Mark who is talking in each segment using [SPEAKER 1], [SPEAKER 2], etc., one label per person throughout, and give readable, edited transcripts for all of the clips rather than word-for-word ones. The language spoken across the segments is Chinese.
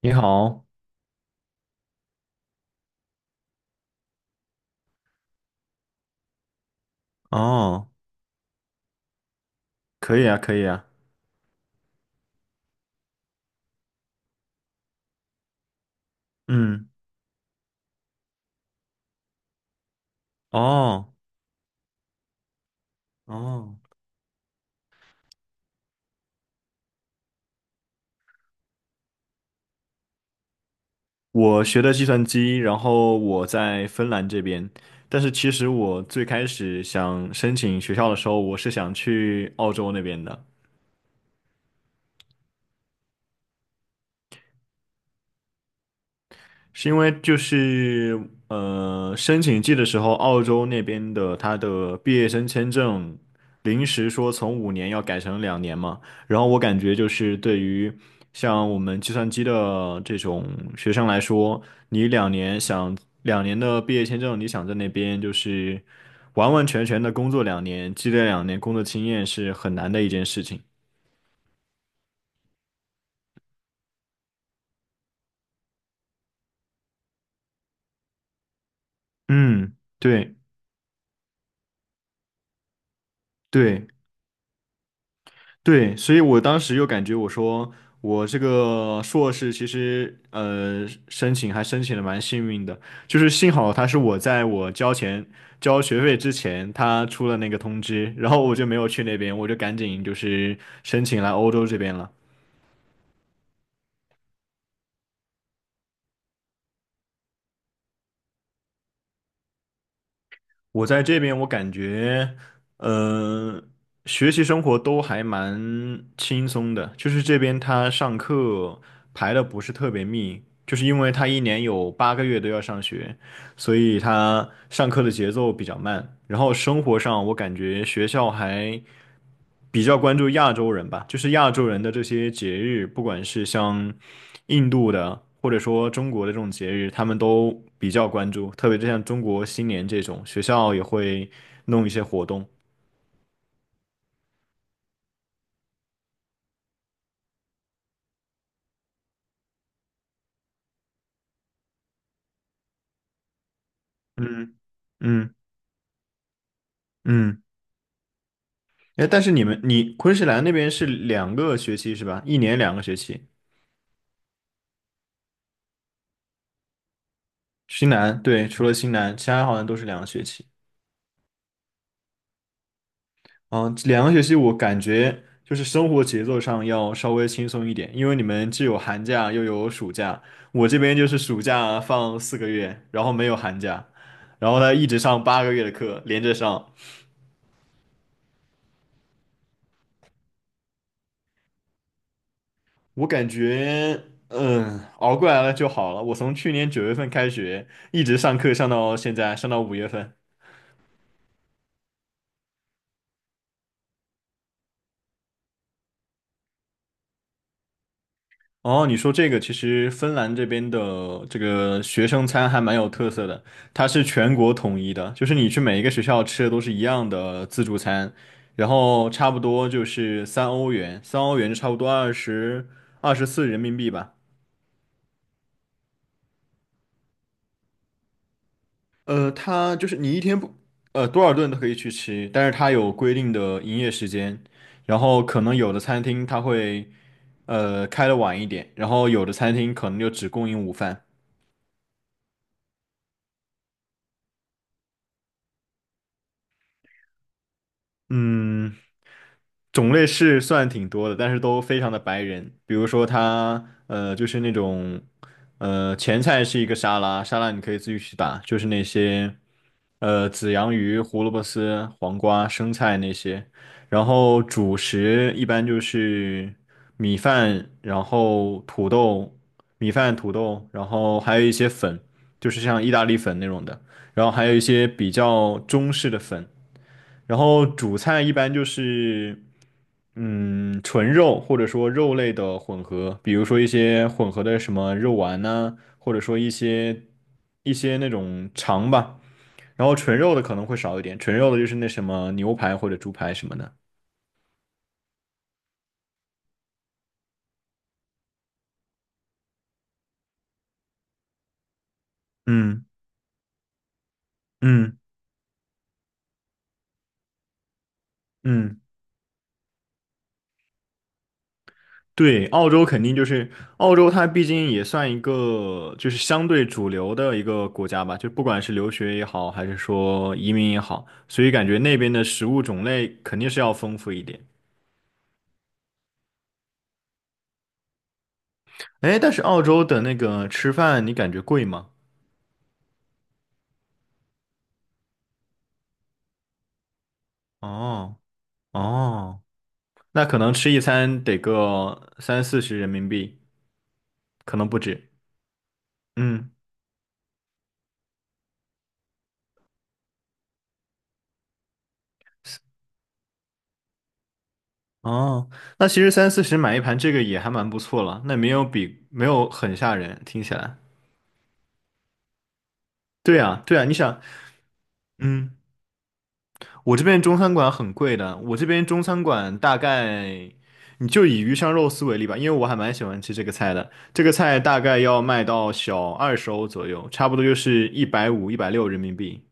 [SPEAKER 1] 你好，哦，可以啊，可以啊，嗯，哦，哦，我学的计算机，然后我在芬兰这边，但是其实我最开始想申请学校的时候，我是想去澳洲那边的。是因为就是申请季的时候，澳洲那边的他的毕业生签证临时说从5年要改成两年嘛。然后我感觉就是对于像我们计算机的这种学生来说，你两年想两年的毕业签证，你想在那边就是完完全全的工作两年，积累两年工作经验是很难的一件事情。嗯，对对。对，所以我当时又感觉我说我这个硕士其实申请还申请的蛮幸运的，就是幸好他是我在我交钱交学费之前他出了那个通知，然后我就没有去那边，我就赶紧就是申请来欧洲这边了。我在这边，我感觉，嗯，学习生活都还蛮轻松的。就是这边他上课排的不是特别密，就是因为他一年有八个月都要上学，所以他上课的节奏比较慢。然后生活上，我感觉学校还比较关注亚洲人吧，就是亚洲人的这些节日，不管是像印度的，或者说中国的这种节日，他们都比较关注，特别就像中国新年这种，学校也会弄一些活动。嗯嗯嗯，哎，但是你昆士兰那边是两个学期是吧？一年两个学期。新南，对，除了新南，其他好像都是两个学期。嗯，这两个学期我感觉就是生活节奏上要稍微轻松一点，因为你们既有寒假又有暑假，我这边就是暑假放4个月，然后没有寒假，然后呢一直上八个月的课，连着上。我感觉熬过来了就好了。我从去年九月份开学，一直上课上到现在，上到五月份。哦，你说这个其实芬兰这边的这个学生餐还蛮有特色的，它是全国统一的，就是你去每一个学校吃的都是一样的自助餐，然后差不多就是三欧元，三欧元就差不多二十四人民币吧。它就是你一天不呃多少顿都可以去吃，但是它有规定的营业时间，然后可能有的餐厅它会开的晚一点，然后有的餐厅可能就只供应午饭。嗯，种类是算挺多的，但是都非常的白人。比如说它，就是那种，前菜是一个沙拉，沙拉你可以自己去打，就是那些，紫洋芋、胡萝卜丝、黄瓜、生菜那些。然后主食一般就是米饭，然后土豆，米饭、土豆，然后还有一些粉，就是像意大利粉那种的，然后还有一些比较中式的粉。然后主菜一般就是，纯肉或者说肉类的混合，比如说一些混合的什么肉丸呐、或者说一些那种肠吧。然后纯肉的可能会少一点，纯肉的就是那什么牛排或者猪排什么的。嗯嗯嗯。对，澳洲肯定就是澳洲，它毕竟也算一个就是相对主流的一个国家吧，就不管是留学也好，还是说移民也好，所以感觉那边的食物种类肯定是要丰富一点。哎，但是澳洲的那个吃饭，你感觉贵吗？哦哦，那可能吃一餐得个三四十人民币，可能不止。嗯，哦，那其实三四十买一盘这个也还蛮不错了，那没有很吓人，听起来。对啊，对啊，你想，嗯，我这边中餐馆很贵的，我这边中餐馆大概，你就以鱼香肉丝为例吧，因为我还蛮喜欢吃这个菜的。这个菜大概要卖到小20欧左右，差不多就是150、160人民币。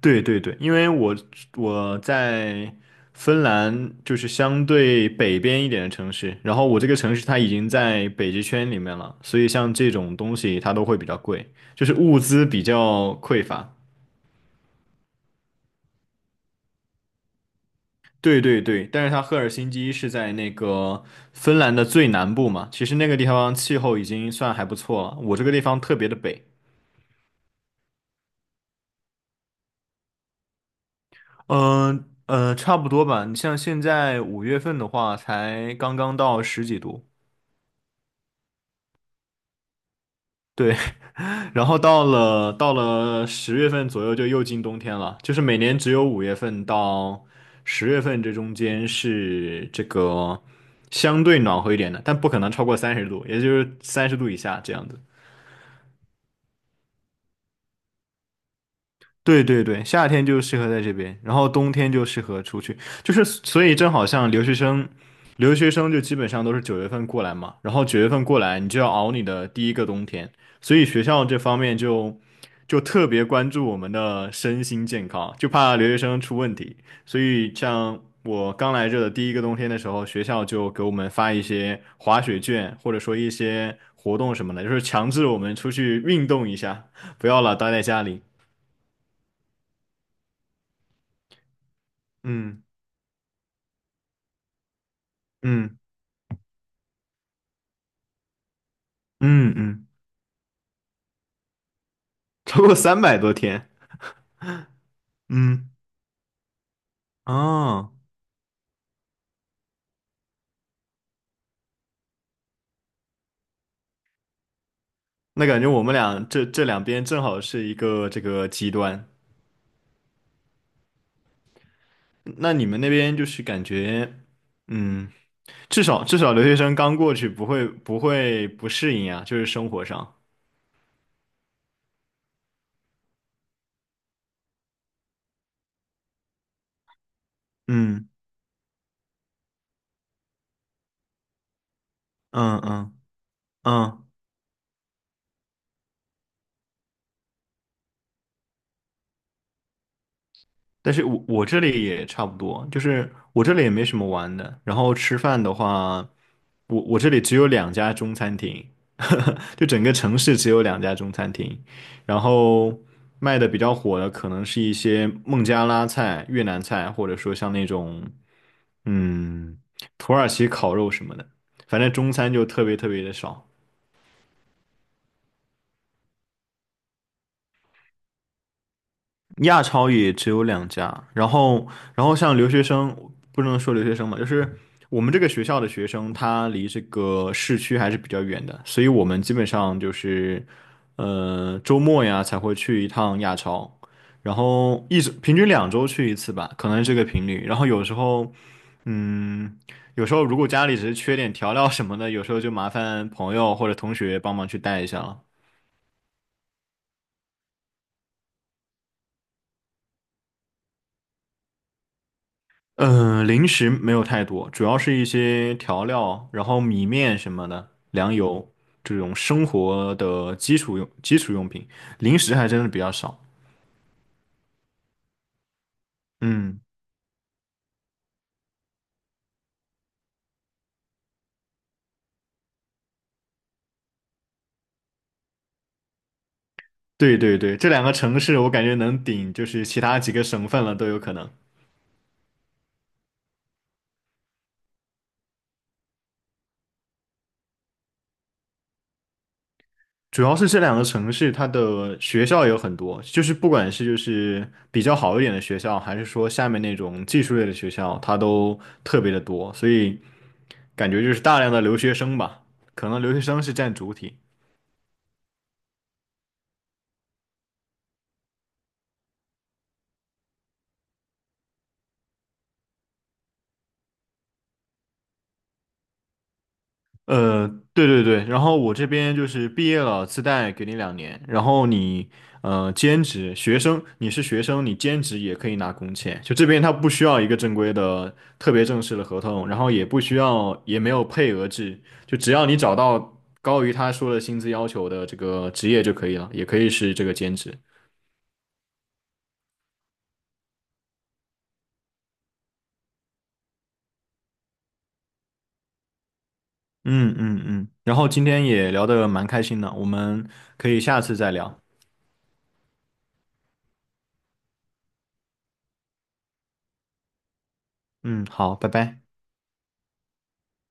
[SPEAKER 1] 对对对，因为我在芬兰就是相对北边一点的城市，然后我这个城市它已经在北极圈里面了，所以像这种东西它都会比较贵，就是物资比较匮乏。对对对，但是它赫尔辛基是在那个芬兰的最南部嘛，其实那个地方气候已经算还不错了，我这个地方特别的北。差不多吧。你像现在五月份的话，才刚刚到十几度，对，然后到了十月份左右就又进冬天了，就是每年只有五月份到十月份这中间是这个相对暖和一点的，但不可能超过三十度，也就是三十度以下这样子。对对对，夏天就适合在这边，然后冬天就适合出去，就是所以正好像留学生，留学生就基本上都是九月份过来嘛，然后九月份过来你就要熬你的第一个冬天，所以学校这方面就特别关注我们的身心健康，就怕留学生出问题，所以像我刚来这的第一个冬天的时候，学校就给我们发一些滑雪券，或者说一些活动什么的，就是强制我们出去运动一下，不要老待在家里，嗯。嗯嗯嗯，超过300多天，嗯，哦，那感觉我们俩这两边正好是一个这个极端。那你们那边就是感觉，嗯，至少留学生刚过去不会不适应啊，就是生活上，嗯嗯嗯嗯，但是我这里也差不多，就是我这里也没什么玩的，然后吃饭的话，我这里只有两家中餐厅，就整个城市只有两家中餐厅，然后卖的比较火的可能是一些孟加拉菜、越南菜，或者说像那种嗯土耳其烤肉什么的，反正中餐就特别特别的少。亚超也只有两家，然后像留学生，不能说留学生嘛，就是我们这个学校的学生，他离这个市区还是比较远的，所以我们基本上就是，周末呀才会去一趟亚超，然后一直平均2周去一次吧，可能是这个频率，然后有时候，嗯，有时候如果家里只是缺点调料什么的，有时候就麻烦朋友或者同学帮忙去带一下了。嗯、零食没有太多，主要是一些调料，然后米面什么的，粮油这种生活的基础用品，零食还真的比较少。嗯，对对对，这两个城市我感觉能顶就是其他几个省份了都有可能。主要是这两个城市，它的学校有很多，就是不管是就是比较好一点的学校，还是说下面那种技术类的学校，它都特别的多，所以感觉就是大量的留学生吧，可能留学生是占主体。呃，对对对，然后我这边就是毕业了，自带给你两年，然后你兼职学生，你是学生，你兼职也可以拿工钱，就这边他不需要一个正规的特别正式的合同，然后也不需要也没有配额制，就只要你找到高于他说的薪资要求的这个职业就可以了，也可以是这个兼职。嗯嗯嗯，然后今天也聊的蛮开心的，我们可以下次再聊。嗯，好，拜拜。